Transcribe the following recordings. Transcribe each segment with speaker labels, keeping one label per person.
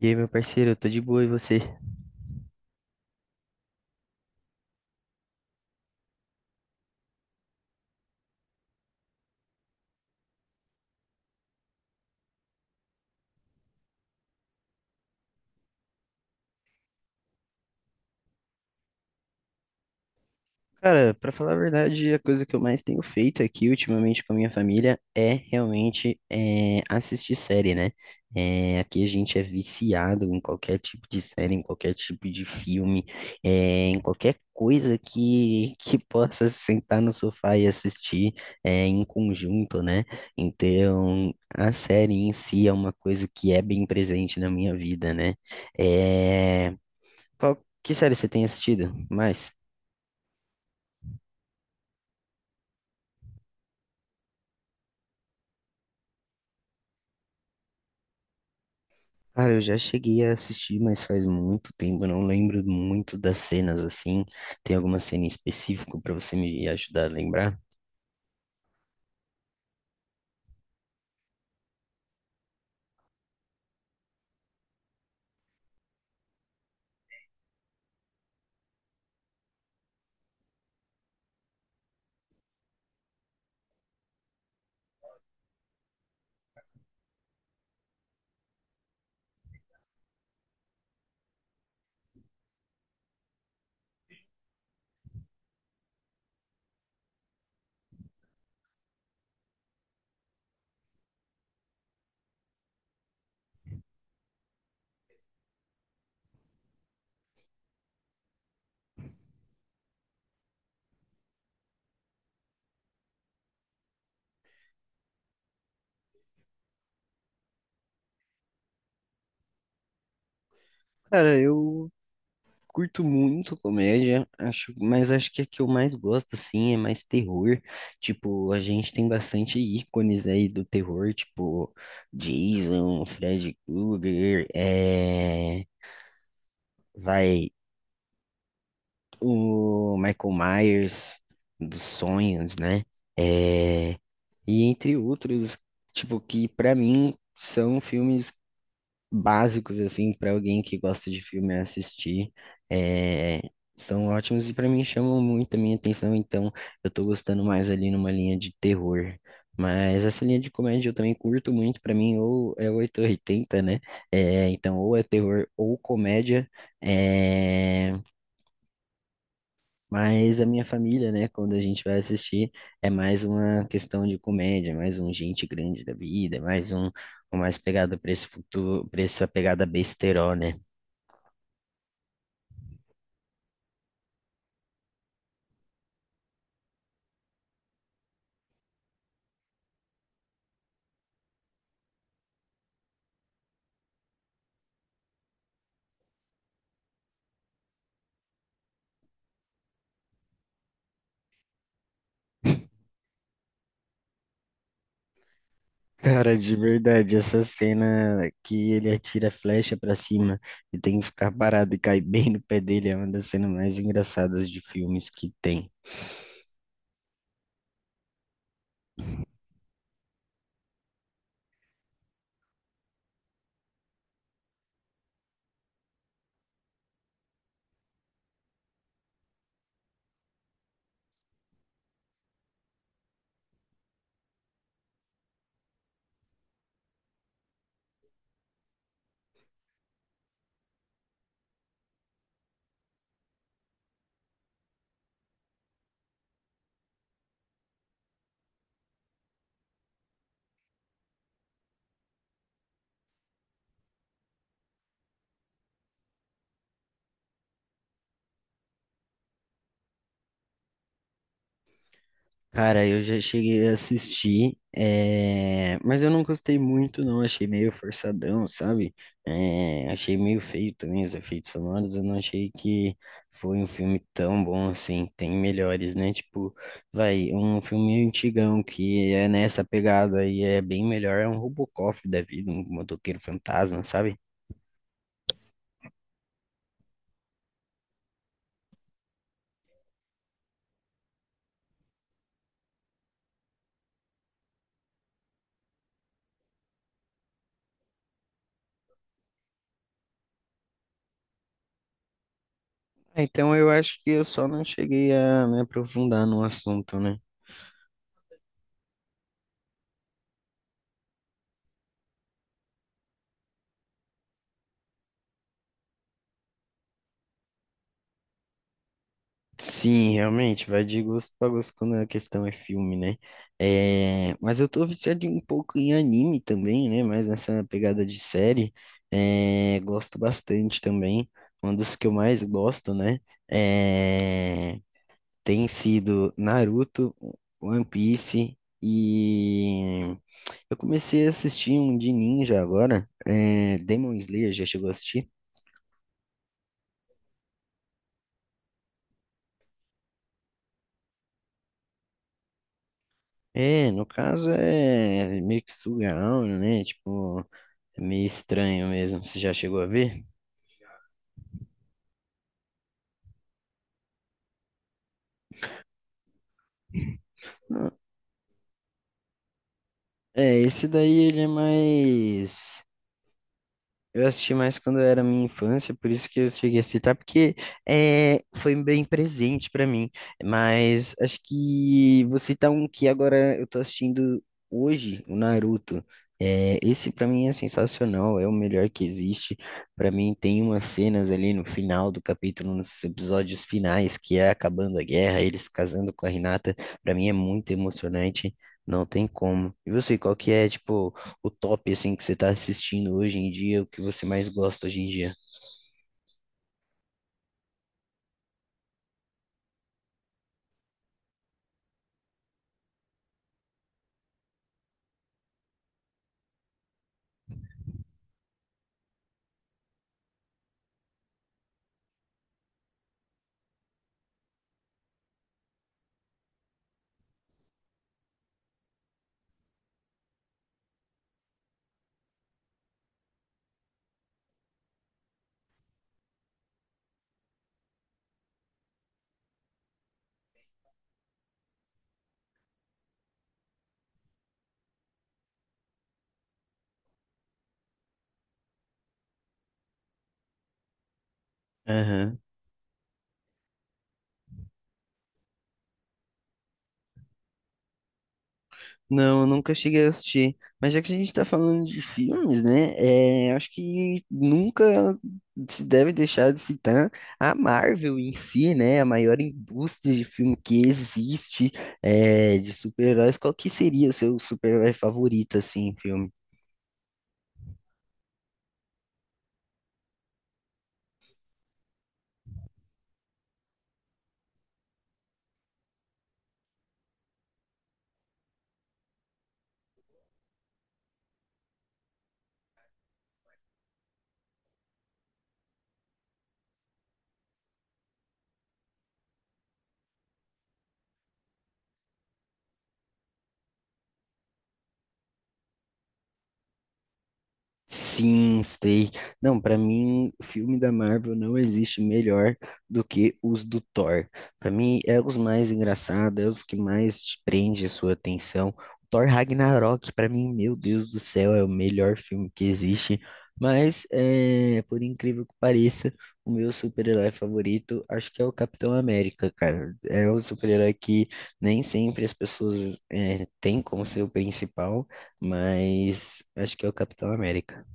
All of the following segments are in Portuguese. Speaker 1: E aí, meu parceiro, eu tô de boa e você? Cara, pra falar a verdade, a coisa que eu mais tenho feito aqui ultimamente com a minha família é realmente assistir série, né? É, aqui a gente é viciado em qualquer tipo de série, em qualquer tipo de filme, em qualquer coisa que possa sentar no sofá e assistir em conjunto, né? Então, a série em si é uma coisa que é bem presente na minha vida, né? É. Qual, que série você tem assistido mais? Cara, eu já cheguei a assistir, mas faz muito tempo, eu não lembro muito das cenas assim. Tem alguma cena em específico pra você me ajudar a lembrar? Cara, eu curto muito comédia, acho, mas acho que a que eu mais gosto assim é mais terror. Tipo, a gente tem bastante ícones aí do terror, tipo Jason, Freddy Krueger, vai o Michael Myers dos sonhos, né? É, e entre outros, tipo, que pra mim são filmes básicos, assim, pra alguém que gosta de filme assistir. É, são ótimos e pra mim chamam muito a minha atenção, então eu tô gostando mais ali numa linha de terror. Mas essa linha de comédia eu também curto muito, pra mim, ou é 8 ou 80, né? É, então, ou é terror ou comédia. É, mas a minha família, né, quando a gente vai assistir, é mais uma questão de comédia, mais um gente grande da vida, é um mais pegado pra esse futuro, pra essa pegada besterol, né? Cara, de verdade, essa cena que ele atira a flecha pra cima e tem que ficar parado e cair bem no pé dele é uma das cenas mais engraçadas de filmes que tem. Cara, eu já cheguei a assistir, mas eu não gostei muito, não. Achei meio forçadão, sabe? Achei meio feio também os efeitos sonoros. Eu não achei que foi um filme tão bom assim. Tem melhores, né? Tipo, vai, um filme antigão que é nessa pegada e é bem melhor. É um Robocop da vida, um motoqueiro fantasma, sabe? Ah, então eu acho que eu só não cheguei a me aprofundar no assunto, né? Sim, realmente, vai de gosto pra gosto quando a questão é filme, né? É, mas eu tô viciado um pouco em anime também, né? Mas nessa pegada de série, gosto bastante também. Um dos que eu mais gosto, né? É, tem sido Naruto, One Piece e eu comecei a assistir um de ninja agora, Demon Slayer, já chegou a assistir? É, no caso é meio que Sugaon, né? Tipo. É meio estranho mesmo. Você já chegou a ver? Não. É, esse daí ele é mais. Eu assisti mais quando era minha infância, por isso que eu cheguei a citar, porque foi bem presente pra mim. Mas acho que vou citar um que agora eu tô assistindo hoje, o Naruto. É, esse pra mim é sensacional, é o melhor que existe. Pra mim tem umas cenas ali no final do capítulo, nos episódios finais, que é acabando a guerra, eles casando com a Hinata. Pra mim é muito emocionante, não tem como. E você, qual que é, tipo o top, assim, que você tá assistindo hoje em dia, o que você mais gosta hoje em dia? Aham. Não, eu nunca cheguei a assistir. Mas já que a gente tá falando de filmes, né? É, acho que nunca se deve deixar de citar a Marvel em si, né? A maior indústria de filme que existe, de super-heróis. Qual que seria o seu super-herói favorito, assim, em filme? Sim, sei. Não, pra mim, filme da Marvel não existe melhor do que os do Thor. Pra mim, é os mais engraçados, é os que mais te prende a sua atenção. Thor Ragnarok, pra mim, meu Deus do céu, é o melhor filme que existe. Mas, por incrível que pareça, o meu super-herói favorito, acho que é o Capitão América, cara. É o super-herói que nem sempre as pessoas, têm como seu principal, mas acho que é o Capitão América.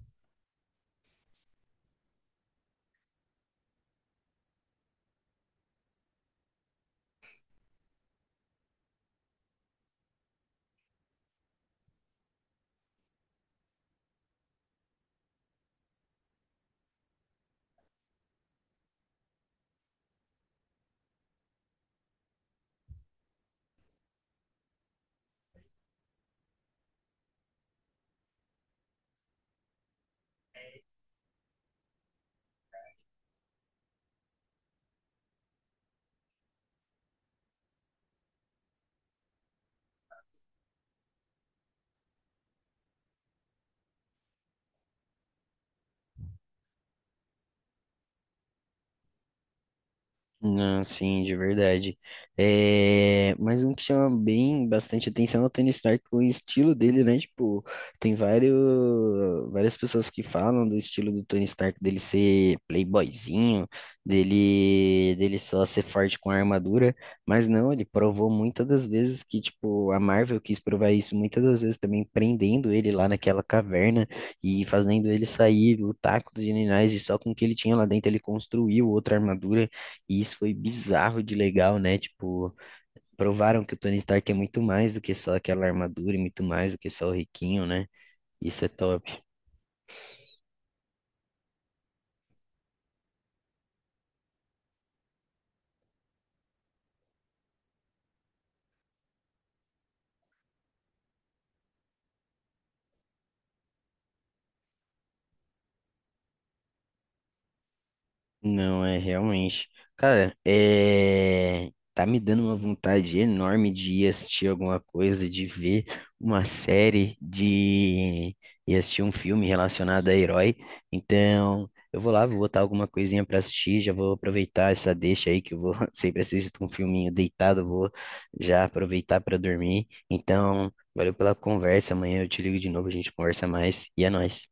Speaker 1: Não, sim, de verdade. É, mas um que chama bem bastante atenção é o Tony Stark, o estilo dele, né? Tipo, tem vários, várias pessoas que falam do estilo do Tony Stark, dele ser playboyzinho, dele só ser forte com a armadura, mas não, ele provou muitas das vezes que, tipo, a Marvel quis provar isso muitas das vezes também prendendo ele lá naquela caverna e fazendo ele sair, lutar com os generais e só com o que ele tinha lá dentro ele construiu outra armadura. E isso foi bizarro de legal, né? Tipo, provaram que o Tony Stark é muito mais do que só aquela armadura e muito mais do que só o riquinho, né? Isso é top. Não, é realmente. Cara, é. Tá me dando uma vontade enorme de ir assistir alguma coisa, de ver uma série, de ir assistir um filme relacionado a herói. Então, eu vou lá, vou botar alguma coisinha pra assistir, já vou aproveitar essa deixa aí que eu vou sempre assisto um filminho deitado, vou já aproveitar pra dormir. Então, valeu pela conversa. Amanhã eu te ligo de novo, a gente conversa mais. E é nóis.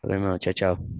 Speaker 1: Falou, irmão. Tchau, tchau.